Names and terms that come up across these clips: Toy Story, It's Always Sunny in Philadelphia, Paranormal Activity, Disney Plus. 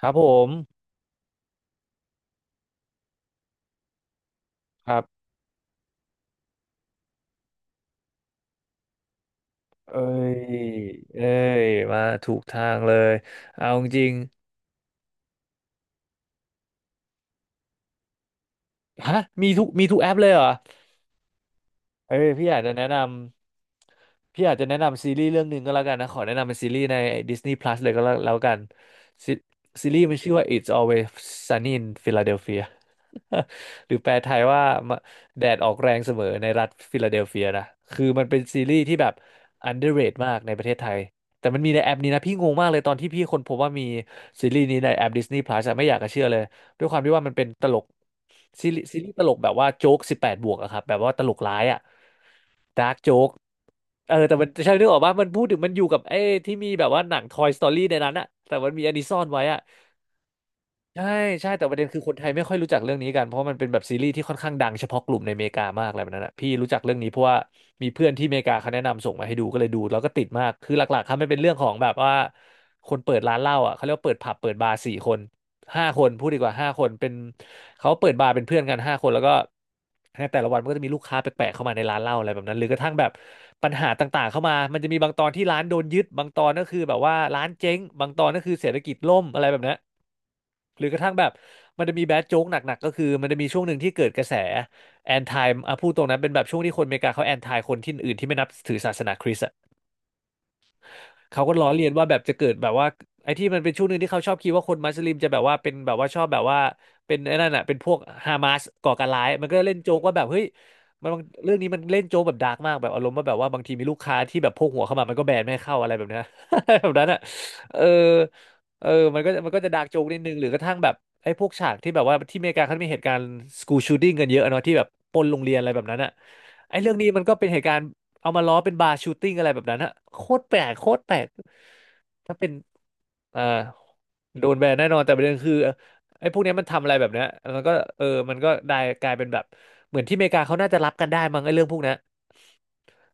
ครับผมครับเอ้ยเอ้ยมาถูกทางเลยเอาจริงๆฮะมีทุกแอปเลยเหรอ เอ้ยพี่อยากจะแนะนำพี่อยากจะแนะนำซีรีส์เรื่องหนึ่งก็แล้วกันนะขอแนะนำเป็นซีรีส์ใน Disney Plus เลยก็แล้วกันซีซีรีส์มันชื่อว่า It's Always Sunny in Philadelphia หรือแปลไทยว่าแดดออกแรงเสมอในรัฐฟิลาเดลเฟียนะคือมันเป็นซีรีส์ที่แบบ underrate มากในประเทศไทยแต่มันมีในแอปนี้นะพี่งงมากเลยตอนที่พี่คนพบว่ามีซีรีส์นี้ในแอป Disney Plus อะไม่อยากจะเชื่อเลย ด้วยความที่ว่ามันเป็นตลกซีรีส์ตลกแบบว่าโจ๊กสิบแปดบวกอะครับแบบว่าตลกร้ายอะดาร์กโจ๊กเออแต่มันใช่นึกออกว่ามันพูดถึงมันอยู่กับไอ้ที่มีแบบว่าหนัง Toy Story ในนั้นอะแต่มันมีอันนี้ซ่อนไว้อะ ใช่ใช่แต่ประเด็นคือคนไทยไม่ค่อยรู้จักเรื่องนี้กันเพราะมันเป็นแบบซีรีส์ที่ค่อนข้างดังเฉพาะกลุ่มในอเมริกามากอะไรแบบนั้นนะพี่รู้จักเรื่องนี้เพราะว่ามีเพื่อนที่อเมริกาเขาแนะนำส่งมาให้ดูก็เลยดูแล้วก็ติดมากคือหลักๆครับมันเป็นเรื่องของแบบว่าคนเปิดร้านเหล้าอ่ะเขาเรียกว่าเปิดผับเปิดบาร์สี่คนห้าคนพูดดีกว่าห้าคนเป็นเขาเปิดบาร์เป็นเพื่อนกันห้าคนแล้วก็ในแต่ละวันมันก็จะมีลูกค้าแปลกๆเข้ามาในร้านเหล้าอะไรแบบนั้นหรือกระทั่งแบบปัญหาต่างๆเข้ามามันจะมีบางตอนที่ร้านโดนยึดบางตอนก็คือแบบว่าร้านเจ๊งบางตอนก็คือเศรษฐกิจล่มอะไรแบบนั้น หรือกระทั่งแบบมันจะมีแบดโจ๊กหนักๆก็คือมันจะมีช่วงหนึ่งที่เกิดกระแสแอนทายอ่ะพูดตรงนั้นเป็นแบบช่วงที่คนอเมริกาเขาแอนทายคนที่อื่นที่ไม่นับถือศาสนาคริสต์ เขาก็ล้อเลียนว่าแบบจะเกิดแบบว่าไอ้ที่มันเป็นช่วงหนึ่งที่เขาชอบคิดว่าคนมุสลิมจะแบบว่าเป็นแบบว่าชอบแบบว่าเป็นไอ้นั่นน่ะเป็นพวกฮามาสก่อการร้ายมันก็เล่นโจ๊กว่าแบบเฮ้ยมันบางเรื่องนี้มันเล่นโจ๊กแบบดาร์กมากแบบอารมณ์ว่าแบบว่าบางทีมีลูกค้าที่แบบพกหัวเข้ามามันก็แบนไม่ให้เข้าอะไรแบบเนี้ย แบบนั้นอ่ะเออเออมันก็จะดาร์กโจ๊กนิดนึงหรือกระทั่งแบบไอ้พวกฉากที่แบบว่าที่อเมริกาเขามีเหตุการณ์สกู o ชู o ิ i งกันเยอะเนาะที่แบบปล้นโรงเรียนอะไรแบบนั้นอ่ะไอ้เรื่องนี้มันก็เป็นเหตุการณ์ เอามาล้อเป็นบาร์ชูตติ้งอะไรแบบนั้นอะโคตรแปลกโคตรแปลกถ้าเป็นอ่าโดนแบนแน่นอนแต่ประเด็นคือไอ้พวกเนี้ยมันทำอะไรแบบเนี้ยมันก็เออมันก็ได้กลายเป็นแบบเหมือนที่อเมริกาเขาน่าจะรับกันได้มั้งไอ้เรื่องพวกเนี้ย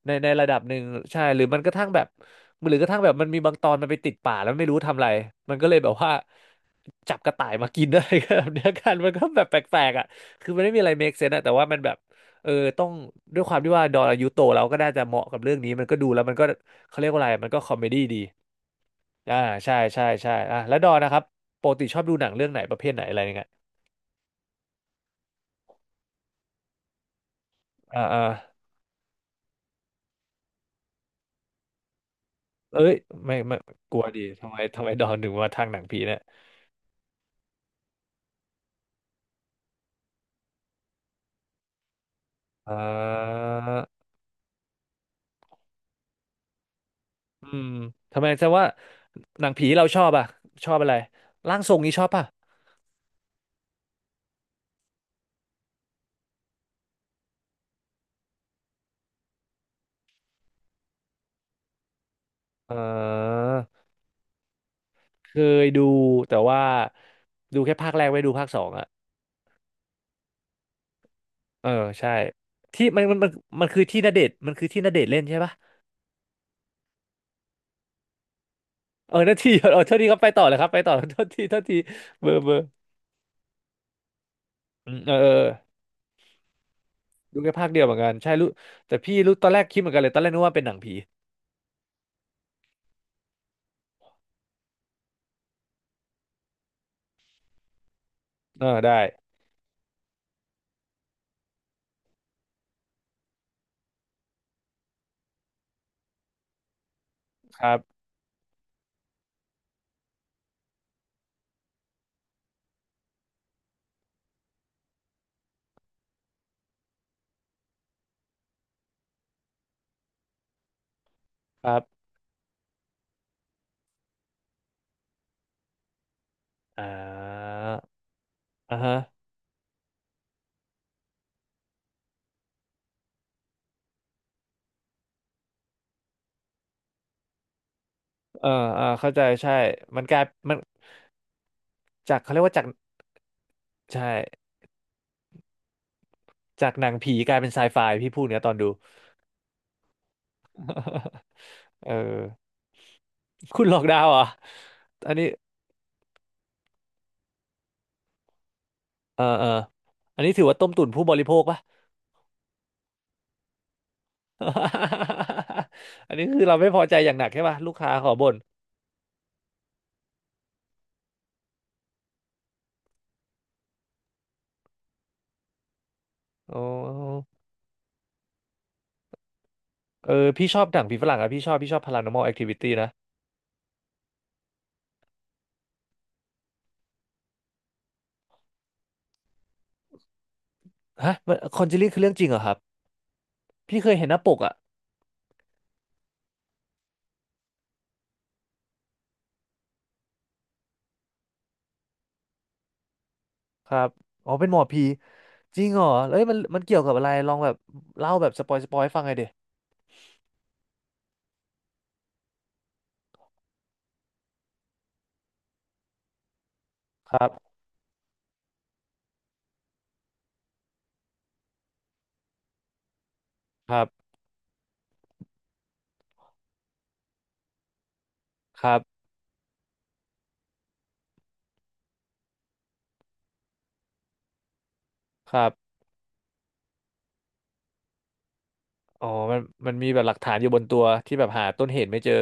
ในระดับหนึ่งใช่หรือมันกระทั่งแบบหรือกระทั่งแบบมันมีบางตอนมันไปติดป่าแล้วไม่รู้ทำอะไรมันก็เลยแบบว่าจับกระต่ายมากิน อะไรกันแบบเนี้ยกันมันก็แบบแปลกๆอ่ะคือมันไม่มีอะไร make sense อะแต่ว่ามันแบบเออต้องด้วยความที่ว่าดอนอายุโตแล้วก็น่าจะเหมาะกับเรื่องนี้มันก็ดูแล้วมันก็เขาเรียกว่าอะไรมันก็คอมเมดี้ดีอ่าใช่ใช่ใช่อ่ะแล้วดอนนะครับปกติชอบดูหนังเรื่องไหนประเภทไหนอะไรเงี้ยอ่าเอ้ยไม่กลัวดีทำไมดอนถึงมาทางหนังผีเนี่ยอ่า อืมทำไมแสดงว่าหนังผีเราชอบอ่ะชอบอะไรร่างทรงนี้ชอบป่ะเออเคยดูแต่ว่าดูแค่ภาคแรกไม่ดูภาคสองอ่ะเออใช่ที่มันคือที่ณเดชน์มันคือที่ณเดชน์เล่นใช่ป่ะเออนาทีเออ เท่าทีครับไปต่อเลยครับไปต่อเท่าทีเบอร์อืมเออเออดูแค่ภาคเดียวเหมือนกันใช่รู้แต่พี่รู้ตอนแรกคิดเหมือนกันเลยตอนแรกนึกว่าเป็นหนังผีเออได้ครับครับอ่าอ่าฮะเออเออเข้าใจใช่มันกลายมัน จากเขาเรียกว่าจากใช่จากหนังผีกลายเป็นไซไฟพี่พูดเนี่ยตอนดู เออคุณหลอกดาวเหรอ่ะอันนี้เอออันนี้ถือว่าต้มตุ๋นผู้บริโภคปะ อันนี้คือเราไม่พอใจอย่างหนักใช่ปะลูกค้าขอบ่นโอ้เออพี่ชอบหนังผีฝรั่งอะพี่ชอบ Paranormal Activity นะฮะคอนเจลิ่งคือเรื่องจริงเหรอครับพี่เคยเห็นหน้าปกอะครับอ๋อเป็นหมอผีจริงเหรอเอ้ยมันมันเกี่ยวกับอะไรลองแบบเล่าแบบสปอยฟังไงเดยครับครับครับครับ อ๋อมันมีแบบหลักฐานอยู่บนตัวที่แบบหาต้นเหตุไม่เจอ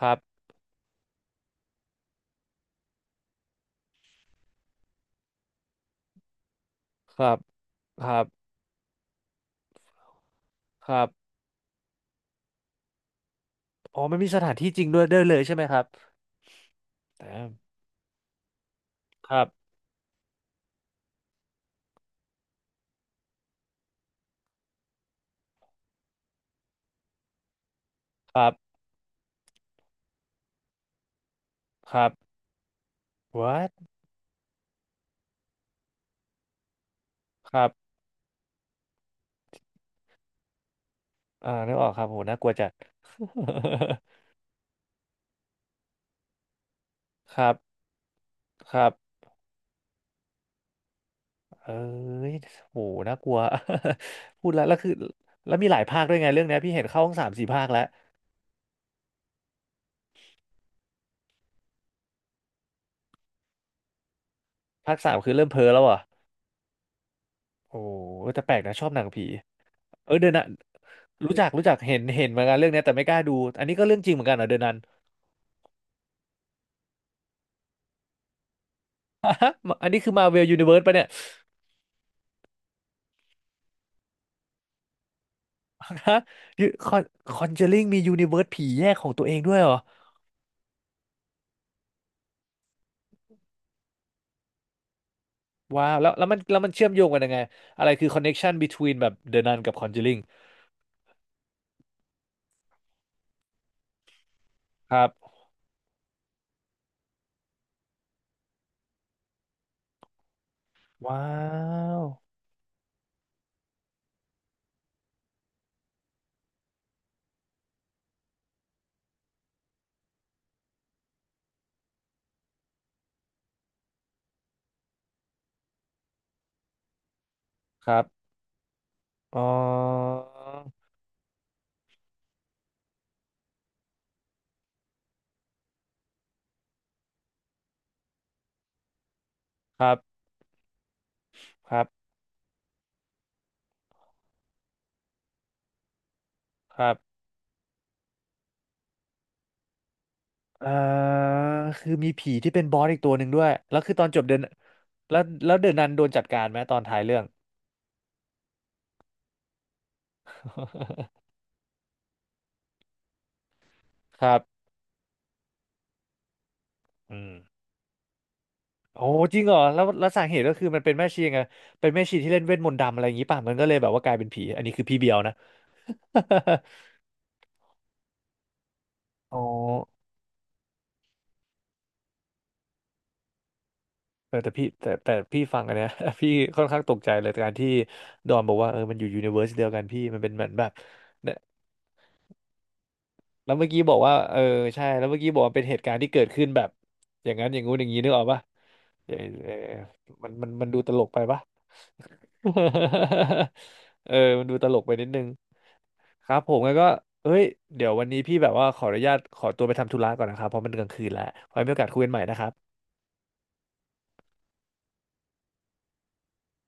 ครับครับครับครับอ๋อมันมีสถานที่จริงด้วยได้เลยใช่ไหมครับแต่ครับ ครับครับ what ครับอ่านึกออกครับโหน่ากลัวจัด ครับครับเอ้ยโหน่ากลัว พูดแล้วแล้วคือแล้วมีหลายภาคด้วยไงเรื่องเนี้ยพี่เห็นเข้าทั้งสามสี่ภาคแล้วภาคสามคือเริ่มเพ้อแล้วอ่ะโอ้แต่แปลกนะชอบหนังผี เออเดอะนันรู้จักเห็นเหมือนกันเรื่องเนี้ยแต่ไม่กล้าดูอันนี้ก็เรื่องจริงเหมือนกันเหรอเดอะนันอะอันนี้คือมาเวลยูนิเวิร์สปะเนี่ย ฮะคอนคอนเจอริงมียูนิเวิร์สผีแยกของตัวเองด้วยเหรอว้าวแล้วแล้วมันเชื่อมโยงกันยังไงอะไรคือคอนเน t ชัน between แบบเดอะนันกับคอนเจ r i ิงครับว้าวครับอ๋อครับครับครับอ่าคือมีผีที่เป็นบอสอีกตัวหนึ่งด้วยแล้วคือตอนจบเดินแล้วเดินนันโดนจัดการไหมตอนท้ายเรื่องครับอืม โอ้จริงเหรอแล้วแล้วสาเหตุก็คือมันเป็นแม่ชีไงเป็นแม่ชีที่เล่นเวทมนต์ดำอะไรอย่างนี้ป่ะมันก็เลยแบบว่ากลายเป็นผีอันนี้คือพี่เบียวนะ อ๋อเออแต่พี่แต่พี่ฟังอันเนี้ย พี่ค่อนข้างตกใจเลยการที่ดอนบอกว่าเออมันอยู่ยูนิเวอร์สเดียวกันพี่มันเป็นเหมือนแบบเนี่ยแล้วเมื่อกี้บอกว่าเออใช่แล้วเมื่อกี้บอกว่าเป็นเหตุการณ์ที่เกิดขึ้นแบบอย่างนั้นอย่างงู้นอย่างนี้นึกออกป่ะ เออเออมันดูตลกไปปะ เออมันดูตลกไปนิดนึงครับผมงั้นก็เอ้ยเดี๋ยววันนี้พี่แบบว่าขออนุญาตขอตัวไปทำธุระก่อนนะครับเพราะมันกลางคืนแล้วไว้มีโอกาสคุยกันใหม่นะครับ